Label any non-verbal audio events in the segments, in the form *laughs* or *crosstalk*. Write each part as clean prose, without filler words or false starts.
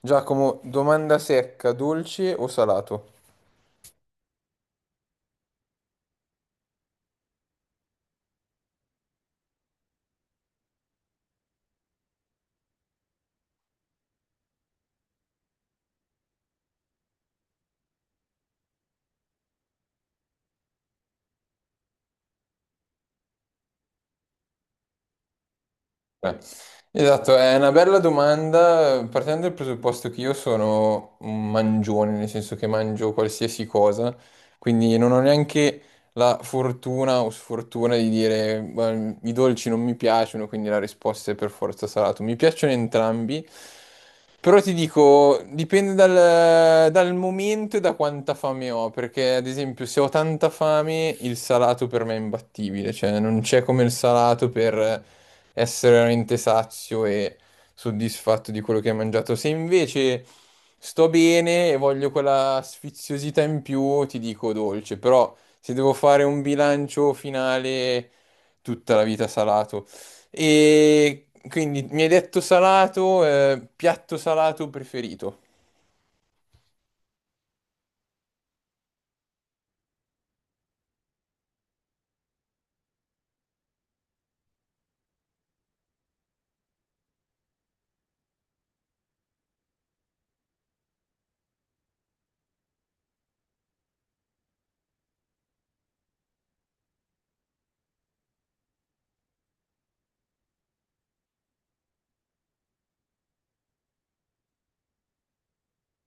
Giacomo, domanda secca, dolce o salato? Eh, Esatto, è una bella domanda. Partendo dal presupposto che io sono un mangione, nel senso che mangio qualsiasi cosa, quindi non ho neanche la fortuna o sfortuna di dire "beh, i dolci non mi piacciono, quindi la risposta è per forza salato". Mi piacciono entrambi, però ti dico, dipende dal momento e da quanta fame ho, perché ad esempio se ho tanta fame il salato per me è imbattibile, cioè non c'è come il salato per essere veramente sazio e soddisfatto di quello che hai mangiato. Se invece sto bene e voglio quella sfiziosità in più, ti dico dolce, però se devo fare un bilancio finale, tutta la vita salato. E quindi mi hai detto salato, piatto salato preferito.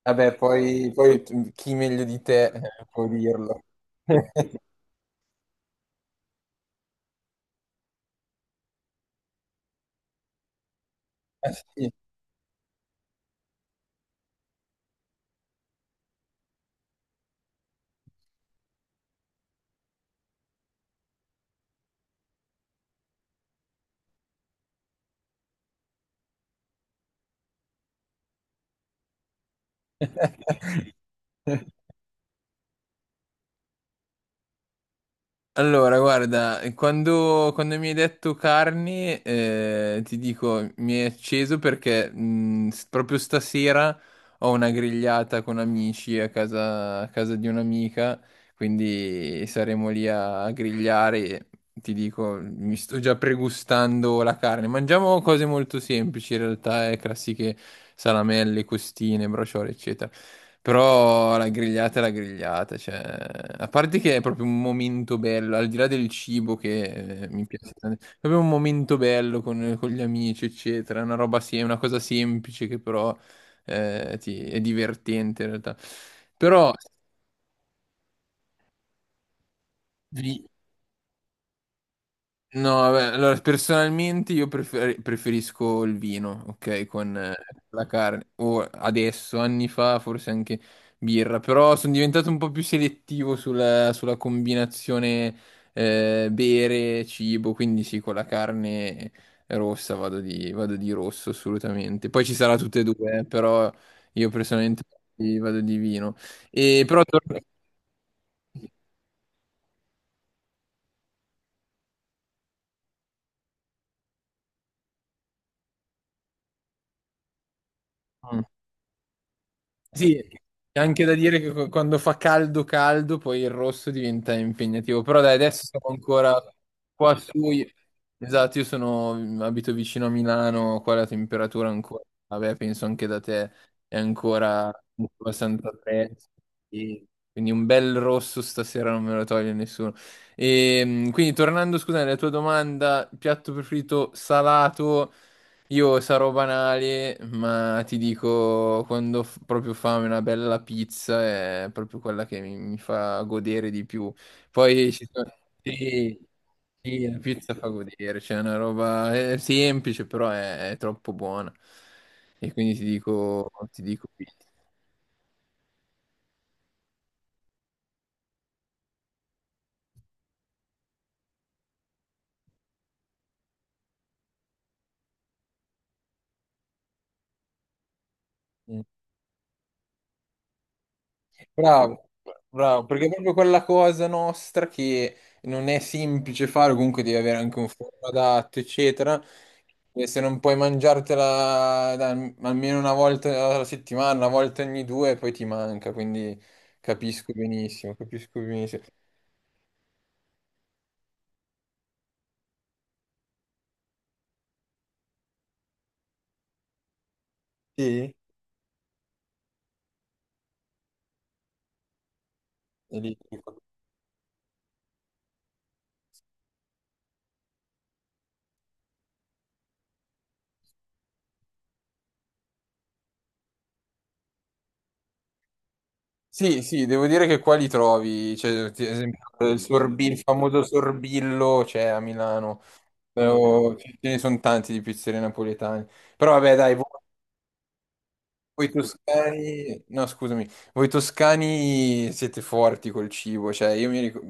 Vabbè, poi chi meglio di te, può dirlo. *laughs* Sì, allora, guarda, quando mi hai detto carni, ti dico, mi è acceso perché proprio stasera ho una grigliata con amici a casa di un'amica, quindi saremo lì a grigliare e ti dico, mi sto già pregustando la carne. Mangiamo cose molto semplici in realtà, classiche: salamelle, costine, brociole, eccetera. Però la grigliata è la grigliata, cioè, a parte che è proprio un momento bello, al di là del cibo che, mi piace tanto, è proprio un momento bello con gli amici, eccetera. È una roba una cosa semplice, che però è divertente in realtà. Però vi- no, vabbè, allora personalmente io preferisco il vino, ok, con la carne. O adesso, anni fa, forse anche birra, però sono diventato un po' più selettivo sulla, sulla combinazione bere, cibo, quindi sì, con la carne rossa vado di rosso assolutamente. Poi ci sarà tutte e due, però io personalmente vado di vino. E però... sì, c'è anche da dire che quando fa caldo caldo poi il rosso diventa impegnativo, però dai, adesso siamo ancora qua su, esatto, io sono, abito vicino a Milano, qua la temperatura ancora, vabbè, penso anche da te, è ancora abbastanza fresca, sì. Quindi un bel rosso stasera non me lo toglie nessuno. E quindi tornando, scusa, alla tua domanda, piatto preferito salato... Io sarò banale, ma ti dico, quando proprio fame, una bella pizza è proprio quella che mi fa godere di più. Poi ci sono... Sì, sì, la pizza fa godere, c'è una roba è semplice, però è troppo buona. E quindi ti dico pizza. Bravo, bravo, perché è proprio quella cosa nostra che non è semplice fare, comunque devi avere anche un forno adatto, eccetera. E se non puoi mangiartela almeno una volta alla settimana, una volta ogni due, poi ti manca, quindi capisco benissimo, capisco benissimo. Sì? E sì, sì, devo dire che qua li trovi, cioè, ad esempio, il il famoso sorbillo c'è a Milano. Ce ne sono tanti di pizzerie napoletane. Però vabbè, dai, voi toscani, no, scusami, voi toscani siete forti col cibo, cioè io mi ricordo,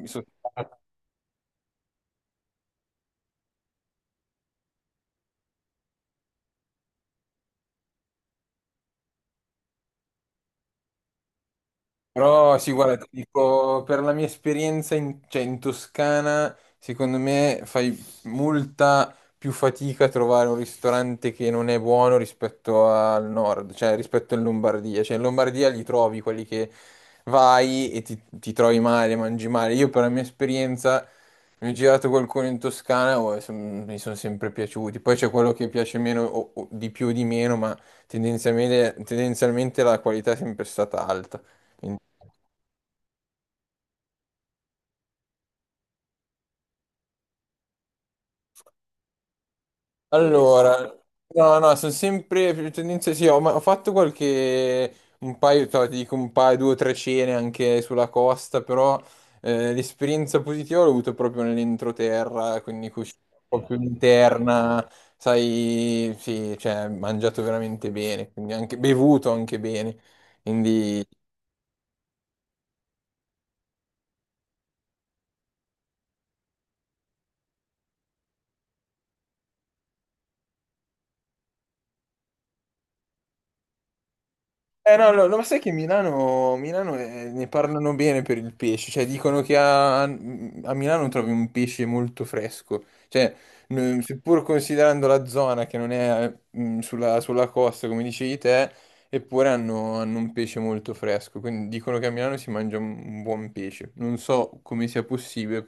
però sì, guarda, ti dico, per la mia esperienza in, cioè, in Toscana, secondo me fai molta più fatica a trovare un ristorante che non è buono rispetto al nord, cioè rispetto in Lombardia. Cioè in Lombardia li trovi quelli che vai e ti trovi male, mangi male. Io per la mia esperienza mi ho girato qualcuno in Toscana, oh, e mi sono sempre piaciuti. Poi c'è quello che piace meno o di più o di meno, ma tendenzialmente, tendenzialmente la qualità è sempre stata alta. Allora, no, no, sono sempre più tendenze, sì, ho, ho fatto qualche, un paio, ti dico un paio, due o tre cene anche sulla costa, però l'esperienza positiva l'ho avuto proprio nell'entroterra, quindi cucina un po' più interna, sai, sì, cioè, mangiato veramente bene, quindi anche, bevuto anche bene, quindi eh, no, no, no, ma sai che Milano, Milano ne parlano bene per il pesce, cioè dicono che a Milano trovi un pesce molto fresco, cioè seppur considerando la zona che non è mm, sulla, sulla costa come dicevi te, eppure hanno, hanno un pesce molto fresco, quindi dicono che a Milano si mangia un buon pesce, non so come sia possibile.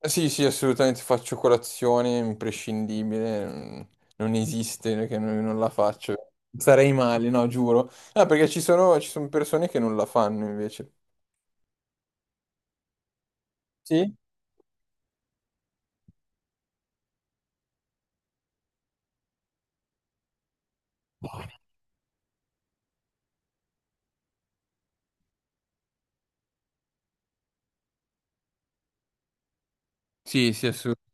Sì, sì, assolutamente faccio colazione, imprescindibile, mm, non esiste che non, non la faccio. Sarei male, no, giuro. Ah, perché ci sono persone che non la fanno invece. Sì? Sì, sì, assolutamente.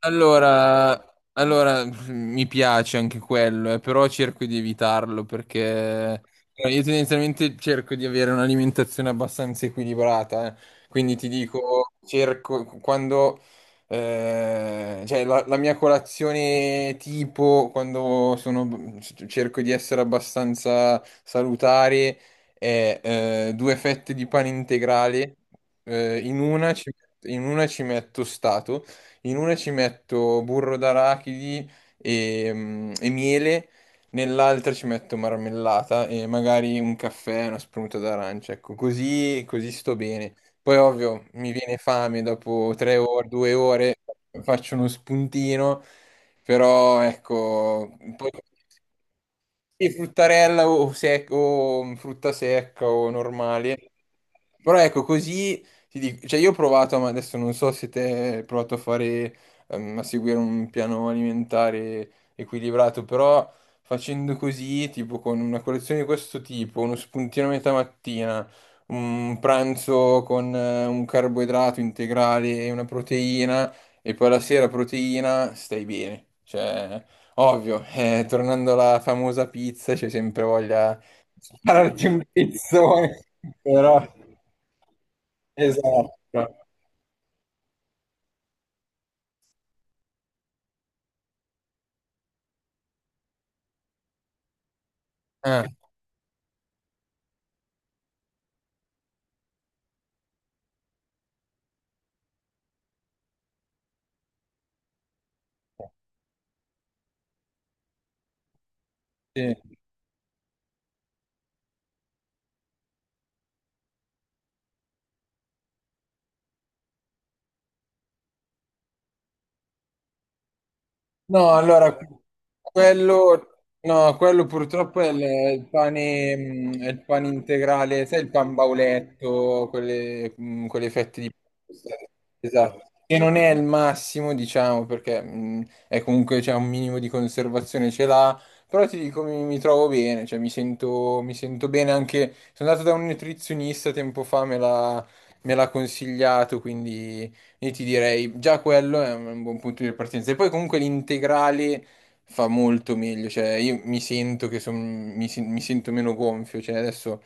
Allora, allora, mi piace anche quello, però cerco di evitarlo perché io tendenzialmente cerco di avere un'alimentazione abbastanza equilibrata, eh. Quindi ti dico, cerco quando, cioè la mia colazione tipo, quando sono, cerco di essere abbastanza salutare, è due fette di pane integrale, eh, in una ci in una ci metto stato. In una ci metto burro d'arachidi e, mm, e miele, nell'altra ci metto marmellata e magari un caffè, una spremuta d'arancia. Ecco, così, così sto bene. Poi ovvio mi viene fame dopo tre ore, due ore, faccio uno spuntino, però ecco, poi sì, fruttarella o, o frutta secca o normali. Però ecco, così ti dico, cioè io ho provato, ma adesso non so se te hai provato a fare, a seguire un piano alimentare equilibrato, però facendo così, tipo con una colazione di questo tipo, uno spuntino a metà mattina, un pranzo con un carboidrato integrale e una proteina, e poi la sera proteina, stai bene. Cioè, ovvio, tornando alla famosa pizza, c'è sempre voglia di pararti un pizzone, *laughs* però... Esatto. Ah, sì. No, allora, quello, no, quello purtroppo è è il pane, mm, è il pane integrale, sai il pan bauletto, quelle, mm, quelle fette di... Esatto, che non è il massimo, diciamo, perché mm, è comunque c'è un minimo di conservazione, ce l'ha, però ti dico, mi trovo bene, cioè mi sento bene anche... Sono andato da un nutrizionista tempo fa, me l'ha consigliato, quindi... Io ti direi già quello è un buon punto di partenza. E poi comunque l'integrale fa molto meglio, cioè io mi sento che mi, mi sento meno gonfio, cioè adesso